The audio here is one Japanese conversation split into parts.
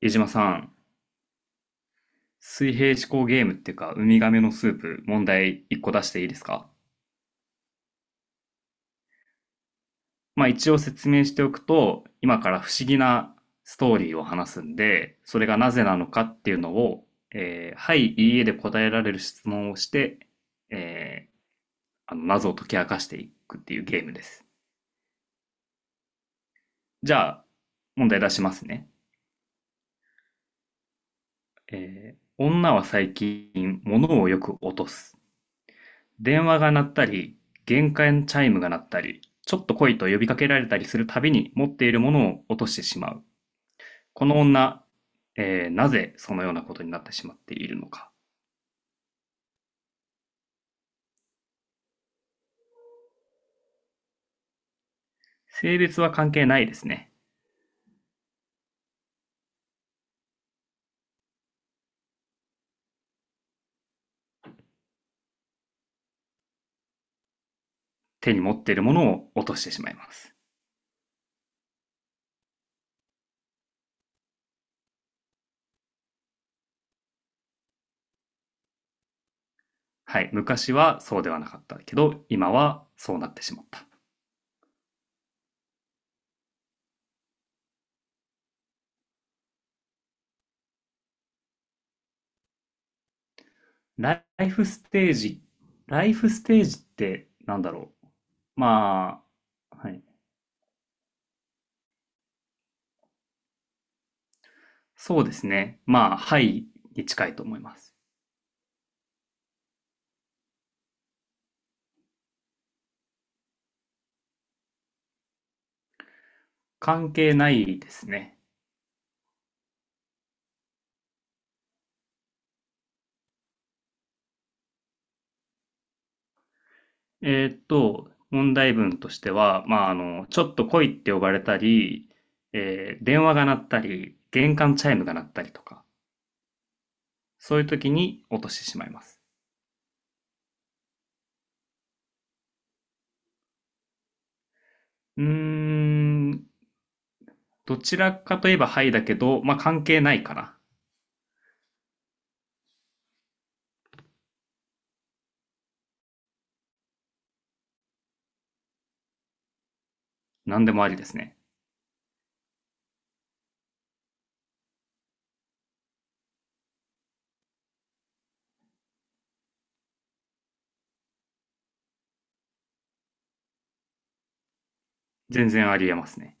江島さん、水平思考ゲームっていうか、ウミガメのスープ、問題1個出していいですか？まあ一応説明しておくと、今から不思議なストーリーを話すんで、それがなぜなのかっていうのを、はい、いいえで答えられる質問をして、えー謎を解き明かしていくっていうゲームです。じゃあ、問題出しますね。女は最近、物をよく落とす。電話が鳴ったり、玄関チャイムが鳴ったり、ちょっと来いと呼びかけられたりするたびに持っているものを落としてしまう。この女、なぜそのようなことになってしまっているのか。性別は関係ないですね。手に持っているものを落としてしまいます。はい。昔はそうではなかったけど、今はそうなってしまった。ライフステージ。ライフステージってなんだろう。まあ、はい。そうですね。まあ、はいに近いと思います。関係ないですね。問題文としては、まあ、あの、ちょっと来いって呼ばれたり、電話が鳴ったり、玄関チャイムが鳴ったりとか、そういう時に落としてしまいます。うーん、どちらかといえばはいだけど、まあ、関係ないから、何でもありですね。全然ありえますね。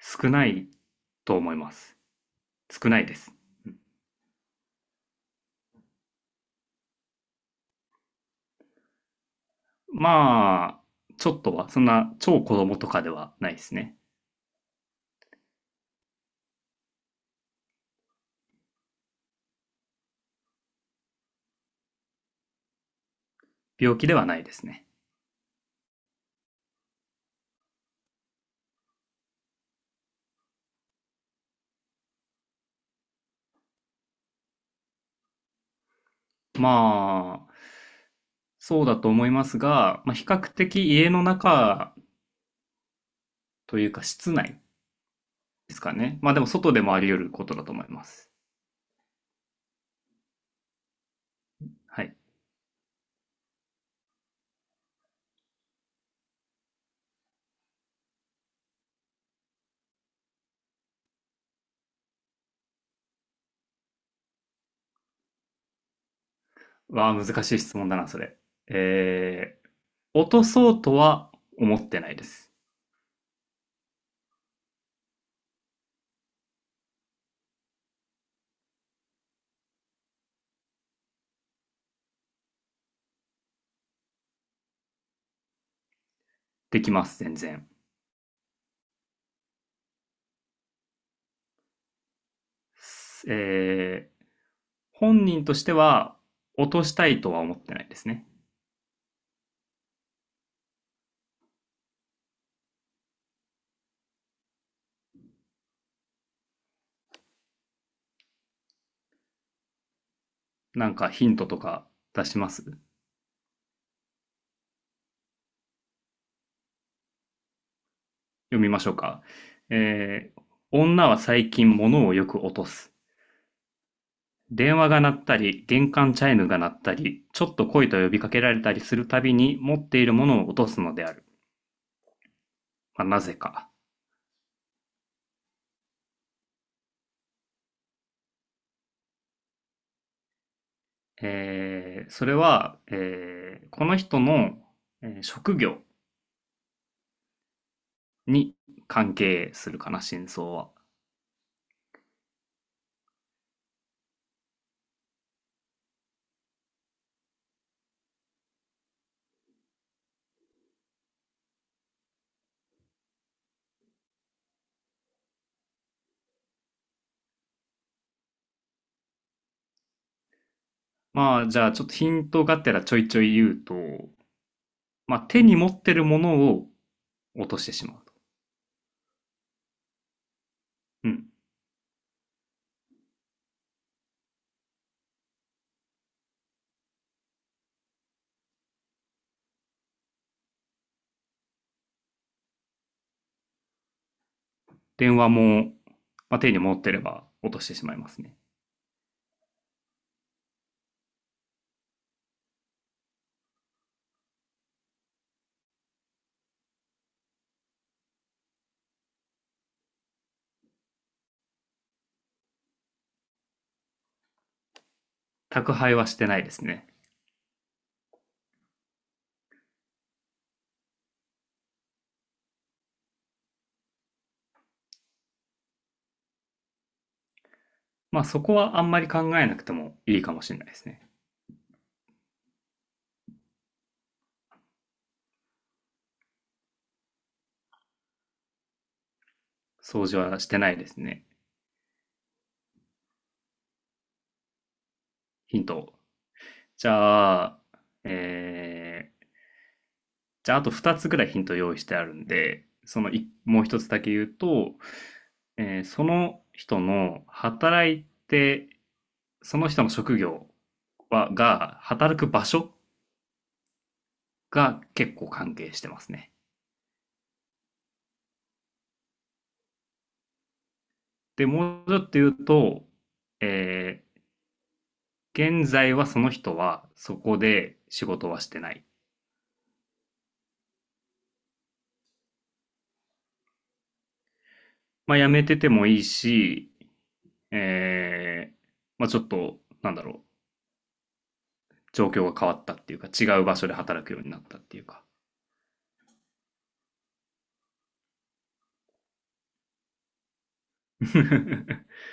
少ないと思います。少ないです。まあ、ちょっとは、そんな超子供とかではないですね。病気ではないですね。まあ、そうだと思いますが、まあ、比較的家の中というか室内ですかね。まあでも外でもあり得ることだと思います。はい。わあ、難しい質問だな、それ。えー、落とそうとは思ってないです。できます、全然。えー、本人としては落としたいとは思ってないですね。なんかヒントとか出します読みましょうか。えー、女は最近物をよく落とす。電話が鳴ったり、玄関チャイムが鳴ったり、ちょっと来いと呼びかけられたりするたびに、持っているものを落とすのである。まあ、なぜか。えそれは、この人の、職業に関係するかな、真相は。まあ、じゃあ、ちょっとヒントがてらちょいちょい言うと、まあ、手に持ってるものを落としてしまうと。うん。電話も、まあ、手に持ってれば落としてしまいますね。宅配はしてないですね。まあそこはあんまり考えなくてもいいかもしれないですね。掃除はしてないですね。ヒントを。じゃあ、えー、じゃああと2つぐらいヒント用意してあるんで、そのいもう一つだけ言うと、その人の働いて、その人の職業は、が、働く場所が結構関係してますね。で、もうちょっと言うと、えー現在はその人はそこで仕事はしてない。まあ、辞めててもいいし、えー、まあ、ちょっと、なんだろう、状況が変わったっていうか、違う場所で働くようになったっていうか。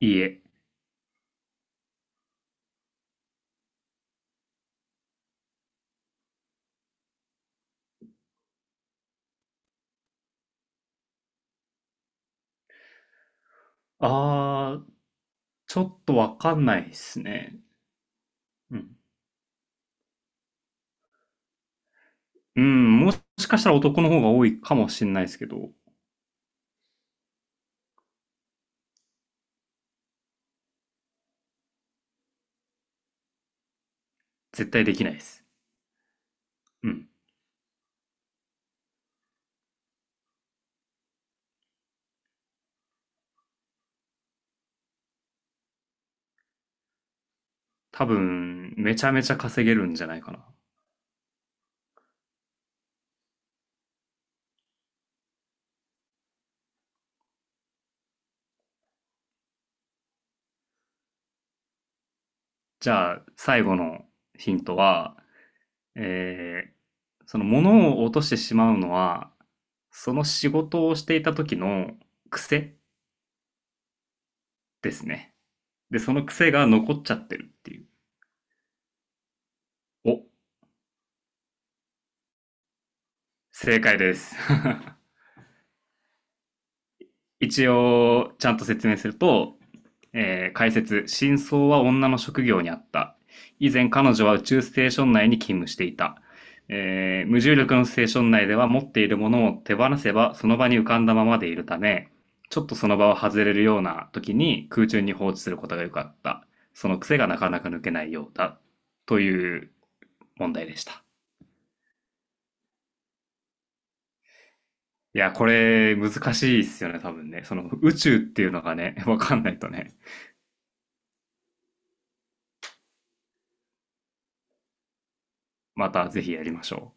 いいえ。あー、ちょっとわかんないですね。うん。うん、もしかしたら男の方が多いかもしれないですけど、絶対できないです。うん。多分、めちゃめちゃ稼げるんじゃないかな。じゃあ、最後のヒントは、えーその物を落としてしまうのは、その仕事をしていた時の癖ですね。で、その癖が残っちゃってるっていう。お、正解です。一応、ちゃんと説明すると、解説、真相は女の職業にあった。以前彼女は宇宙ステーション内に勤務していた。無重力のステーション内では持っているものを手放せばその場に浮かんだままでいるため、ちょっとその場を外れるような時に空中に放置することが良かった。その癖がなかなか抜けないようだ。という問題でした。いや、これ難しいっすよね、多分ね。その宇宙っていうのがね、わかんないとね。またぜひやりましょう。